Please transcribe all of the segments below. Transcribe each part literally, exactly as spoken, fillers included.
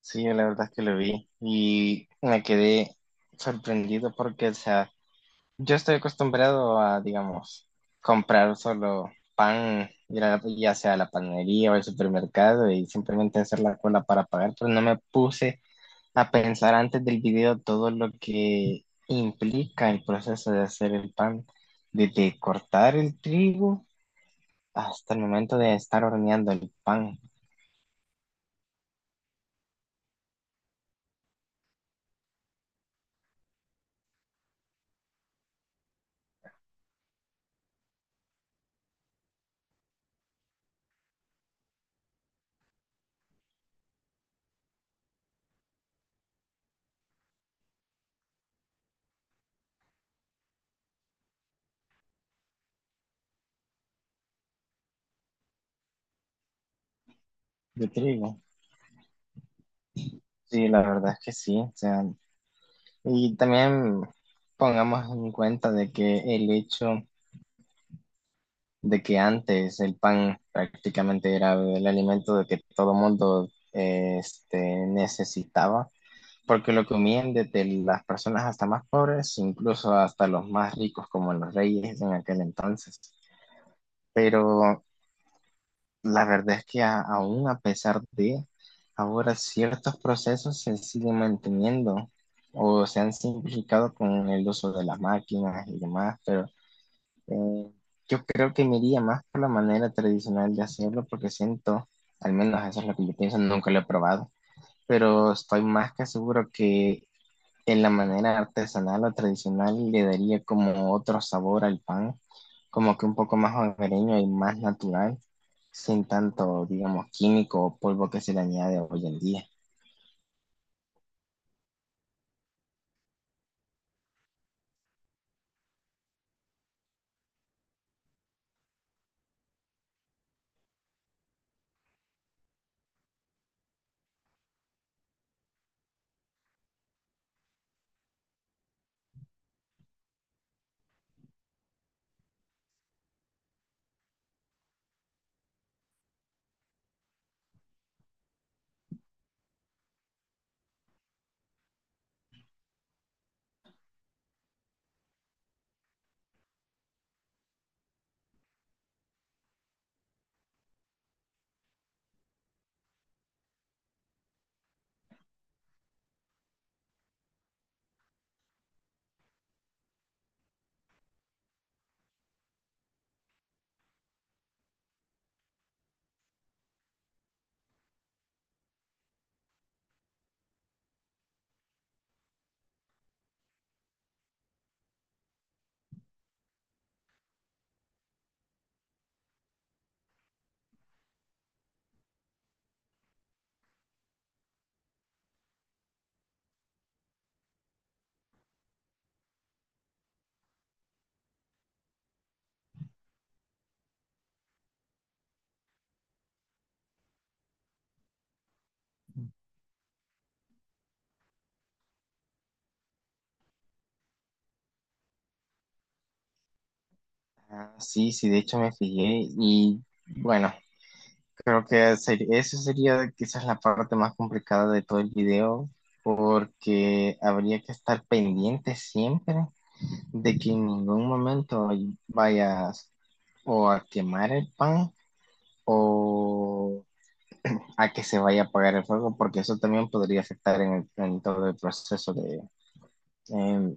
Sí, yo la verdad es que lo vi y me quedé sorprendido porque, o sea, yo estoy acostumbrado a, digamos, comprar solo pan, ir a- ya sea a la panadería o al supermercado y simplemente hacer la cola para pagar, pero no me puse a pensar antes del video todo lo que implica el proceso de hacer el pan, desde cortar el trigo hasta el momento de estar horneando el pan de trigo. Sí, la verdad es que sí, o sea. Y también pongamos en cuenta de que el hecho de que antes el pan prácticamente era el alimento de que todo mundo eh, este, necesitaba, porque lo comían desde las personas hasta más pobres, incluso hasta los más ricos como los reyes en aquel entonces. Pero la verdad es que a- aún a pesar de ahora ciertos procesos se siguen manteniendo o se han simplificado con el uso de las máquinas y demás, pero eh, yo creo que me iría más por la manera tradicional de hacerlo porque siento, al menos eso es lo que yo pienso, nunca lo he probado, pero estoy más que seguro que de la manera artesanal o tradicional le daría como otro sabor al pan, como que un poco más hogareño y más natural, sin tanto, digamos, químico o polvo que se le añade hoy en día. Ah, sí, sí, de hecho me fijé y bueno, creo que ser- eso sería quizás la parte más complicada de todo el video porque habría que estar pendiente siempre de que en ningún momento vayas o a quemar el pan o a que se vaya a apagar el fuego, porque eso también podría afectar en, el- en todo el proceso de, em,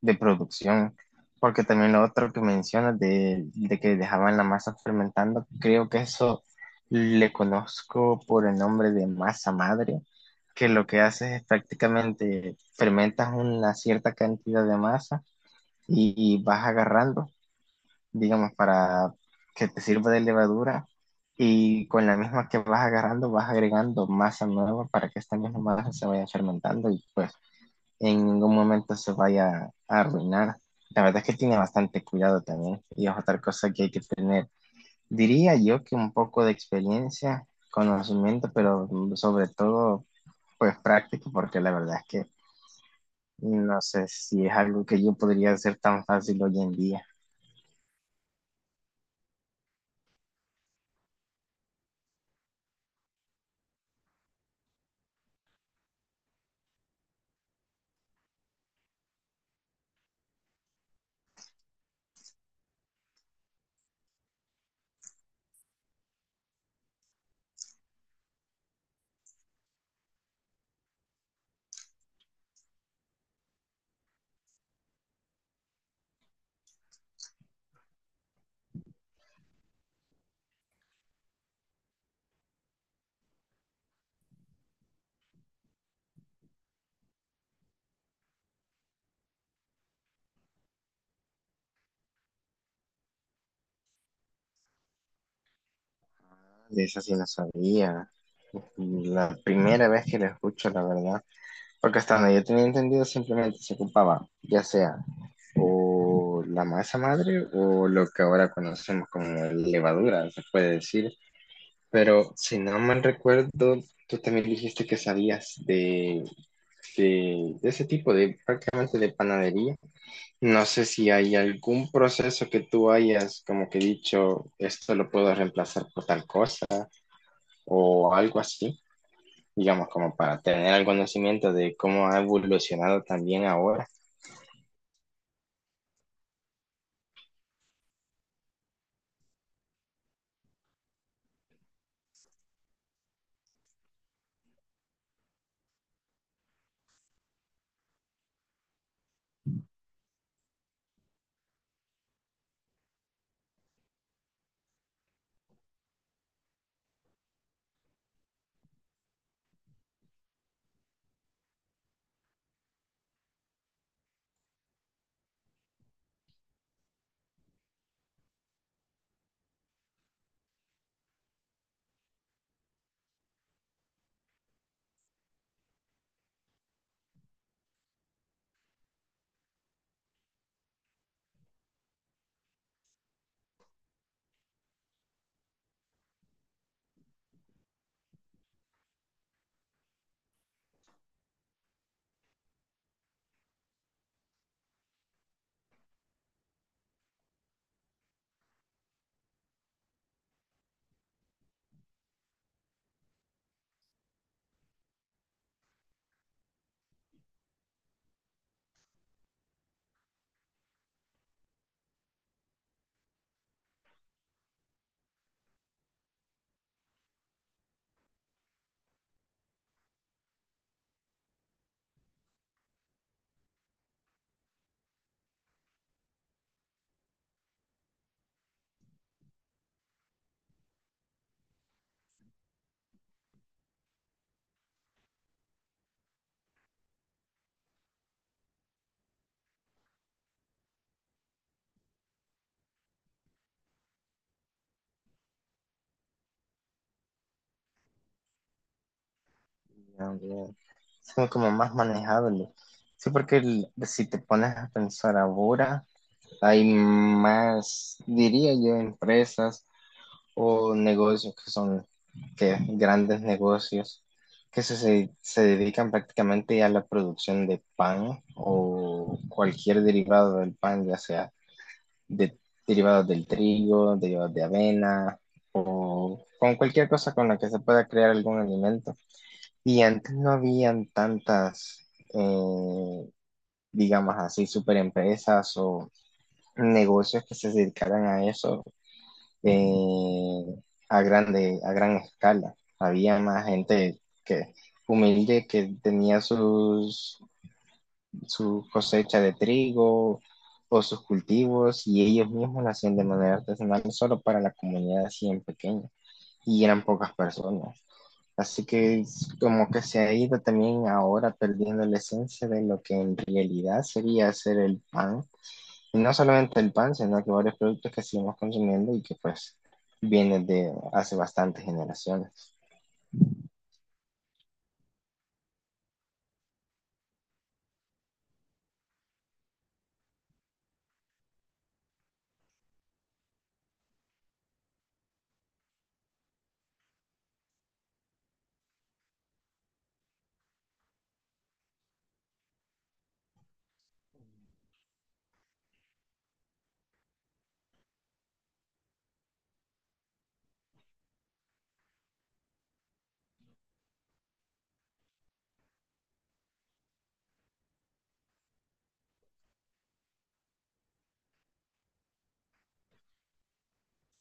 de producción. Porque también lo otro que mencionas de, de que dejaban la masa fermentando, creo que eso le conozco por el nombre de masa madre, que lo que hace es prácticamente fermentas una cierta cantidad de masa y, y vas agarrando, digamos, para que te sirva de levadura y con la misma que vas agarrando vas agregando masa nueva para que esta misma masa se vaya fermentando y pues en ningún momento se vaya a arruinar. La verdad es que tiene bastante cuidado también y es otra cosa que hay que tener. Diría yo que un poco de experiencia, conocimiento, pero sobre todo pues práctico porque la verdad es que no sé si es algo que yo podría hacer tan fácil hoy en día. De eso sí no sabía. La primera vez que lo escucho, la verdad, porque hasta donde yo tenía entendido simplemente se ocupaba, ya sea o la masa madre o lo que ahora conocemos como levadura, se puede decir, pero si no mal recuerdo, tú también dijiste que sabías de, de, de ese tipo de prácticamente de panadería. No sé si hay algún proceso que tú hayas como que dicho, esto lo puedo reemplazar por tal cosa o algo así, digamos, como para tener el conocimiento de cómo ha evolucionado también ahora. Son como más manejables. Sí, porque el- si te pones a pensar ahora, hay más, diría yo, empresas o negocios que son que, grandes negocios que se, se, se dedican prácticamente a la producción de pan o cualquier derivado del pan, ya sea de derivados del trigo, derivados de avena o con cualquier cosa con la que se pueda crear algún alimento. Y antes no habían tantas, eh, digamos así, super empresas o negocios que se dedicaran a eso, eh, a grande, a gran escala. Había más gente que humilde que tenía sus su cosecha de trigo o sus cultivos y ellos mismos lo hacían de manera artesanal solo para la comunidad así en pequeña y eran pocas personas. Así que es como que se ha ido también ahora perdiendo la esencia de lo que en realidad sería hacer el pan. Y no solamente el pan, sino que varios productos que seguimos consumiendo y que pues vienen de hace bastantes generaciones.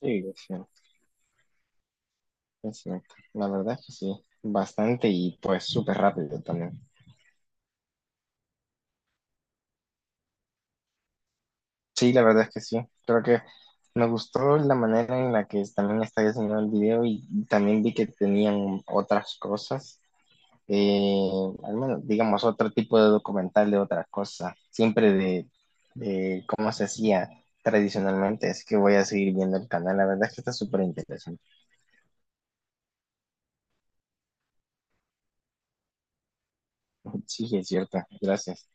Sí, es cierto, es cierto. La verdad es que sí, bastante y pues súper rápido también. Sí, la verdad es que sí. Creo que me gustó la manera en la que también está diseñado el video y, y también vi que tenían otras cosas, eh, al menos, digamos, otro tipo de documental de otras cosas, siempre de, de cómo se hacía tradicionalmente. Así que voy a seguir viendo el canal. La verdad es que está súper interesante. Sí, es cierto. Gracias.